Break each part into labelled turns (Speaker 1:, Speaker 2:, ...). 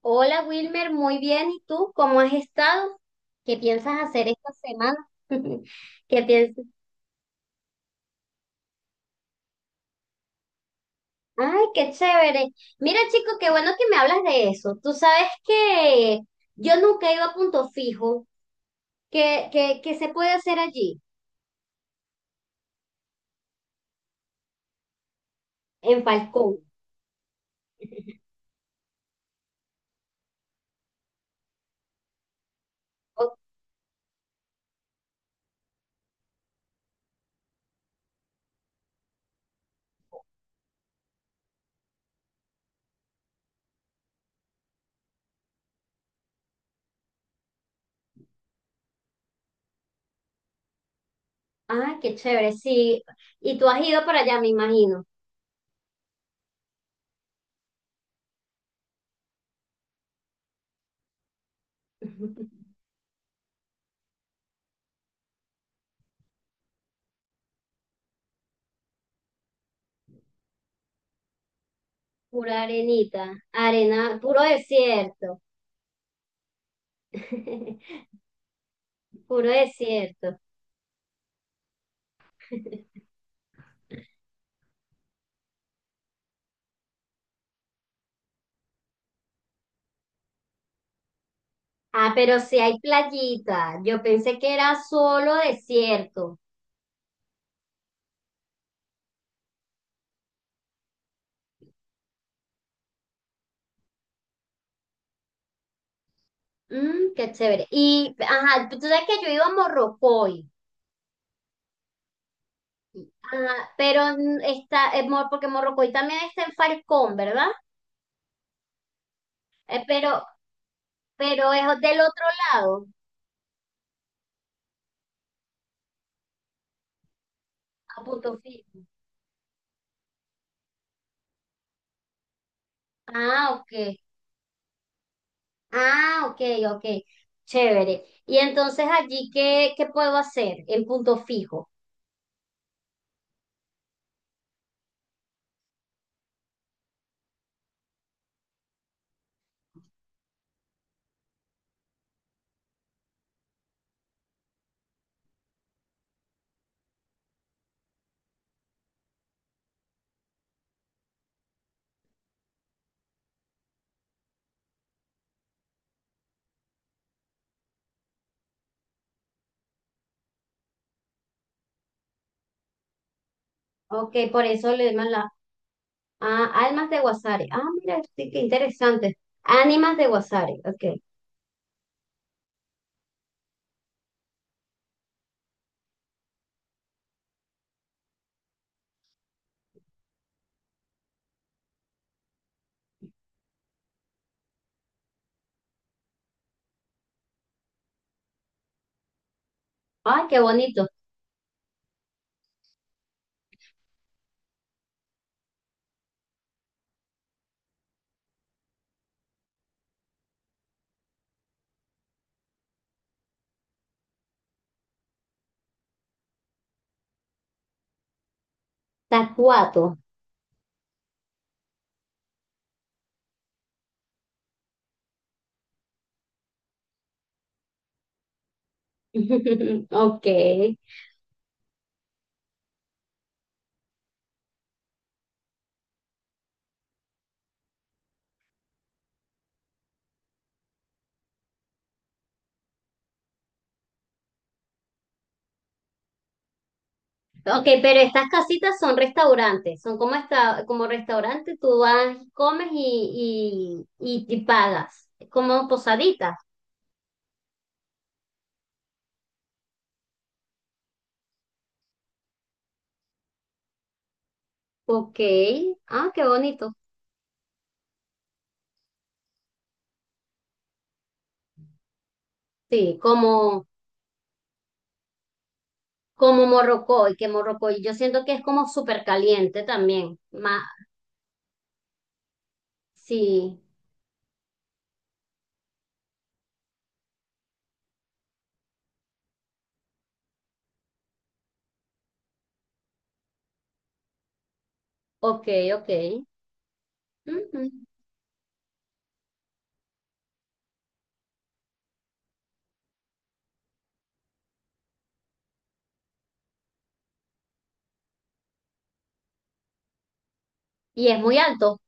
Speaker 1: Hola Wilmer, muy bien. ¿Y tú cómo has estado? ¿Qué piensas hacer esta semana? ¿Qué piensas? Ay, qué chévere. Mira, chico, qué bueno que me hablas de eso. Tú sabes que yo nunca he ido a Punto Fijo. ¿Qué se puede hacer allí? En Falcón. Oh, ah, qué chévere, sí. Y tú has ido para allá, me imagino. Pura arenita, arena, puro desierto. Puro desierto. Ah, pero sí hay playita. Yo pensé que era solo desierto. Mm, qué chévere. Y, ajá, tú sabes que yo iba a Morrocoy. Ajá, pero porque Morrocoy también está en Falcón, ¿verdad? Eh, pero, pero es del otro lado, a Punto Fijo. Ah, ok. Ah, ok, ok. Chévere. Y entonces allí, ¿qué puedo hacer en Punto Fijo? Ok, por eso le llaman la... Ah, almas de Guasari. Ah, mira, sí, qué interesante. Ánimas de Guasari, ok. Ay, qué bonito. Tacuato. Ok. Ok, pero estas casitas son restaurantes, son como esta, como restaurante, tú vas, comes y pagas, como posaditas. Ok. Ah, qué bonito. Sí, como, como Morrocoy, que Morrocoy, yo siento que es como súper caliente también. Ma, sí, ok, ok. Ujú. Y es muy alto.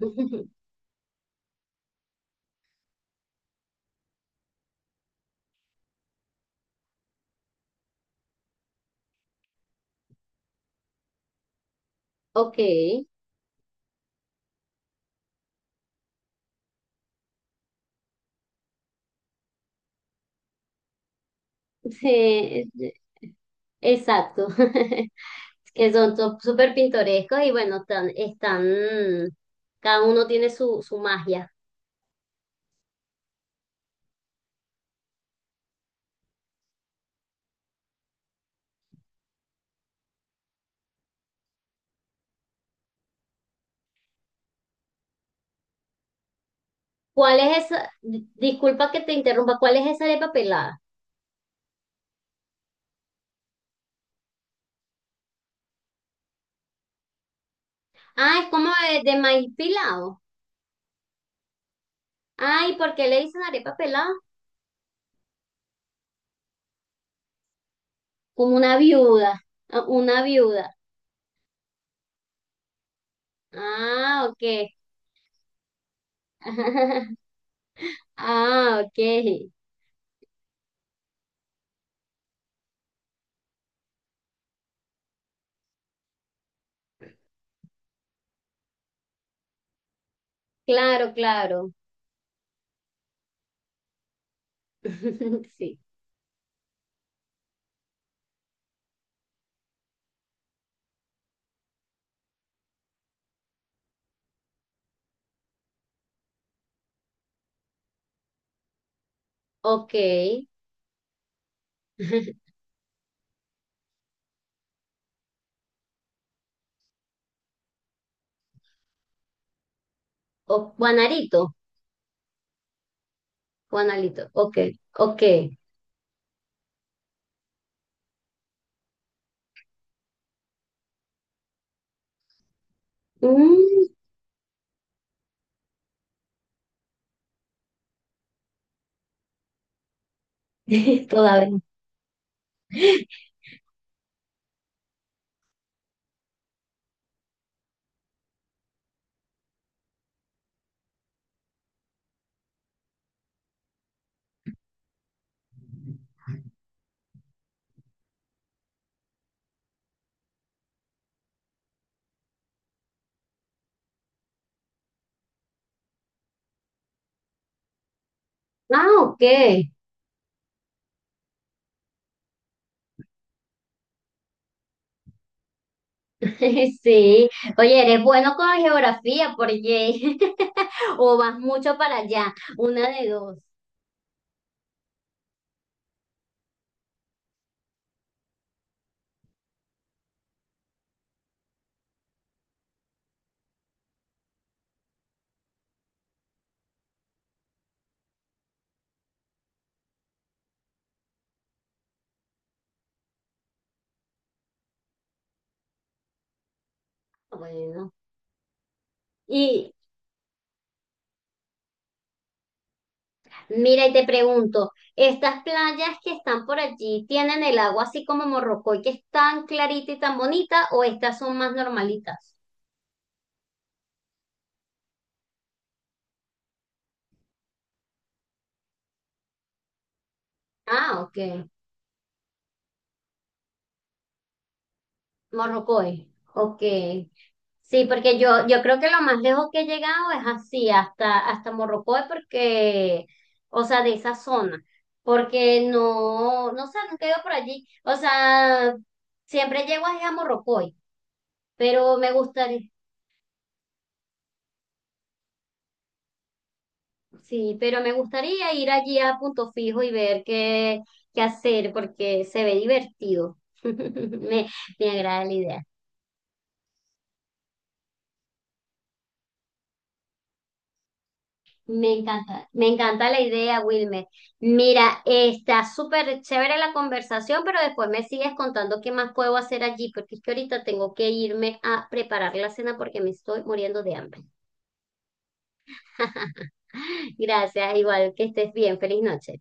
Speaker 1: Ok. Sí, exacto. que son to- súper pintorescos y bueno, tan- están, cada uno tiene su, su magia. ¿Cuál es esa? Di- Disculpa que te interrumpa, ¿cuál es esa arepa pelada? Ah, es como de maíz pilado. Ay, ¿por qué le dicen arepa pelada? Como una viuda. Ah, ok. Ah, ok. Claro, claro. Sí. Ok. O Juanarito. Juanalito. Ok. Ok. Mm, todavía. No. Ah, ok. Sí. Oye, eres bueno con la geografía, porque o vas mucho para allá, una de dos. Bueno. Y mira, y te pregunto, ¿estas playas que están por allí tienen el agua así como Morrocoy, que es tan clarita y tan bonita, o estas son más normalitas? Ah, ok. Morrocoy. Ok. Sí, porque yo creo que lo más lejos que he llegado es así, hasta, hasta Morrocoy, porque, o sea, de esa zona, porque no sé, nunca he ido por allí. O sea, siempre llego ahí a Morrocoy, pero me gustaría, sí, pero me gustaría ir allí a Punto Fijo y ver qué, qué hacer, porque se ve divertido. Me, me agrada la idea. Me encanta la idea, Wilmer. Mira, está súper chévere la conversación, pero después me sigues contando qué más puedo hacer allí, porque es que ahorita tengo que irme a preparar la cena porque me estoy muriendo de hambre. Gracias, igual que estés bien, feliz noche.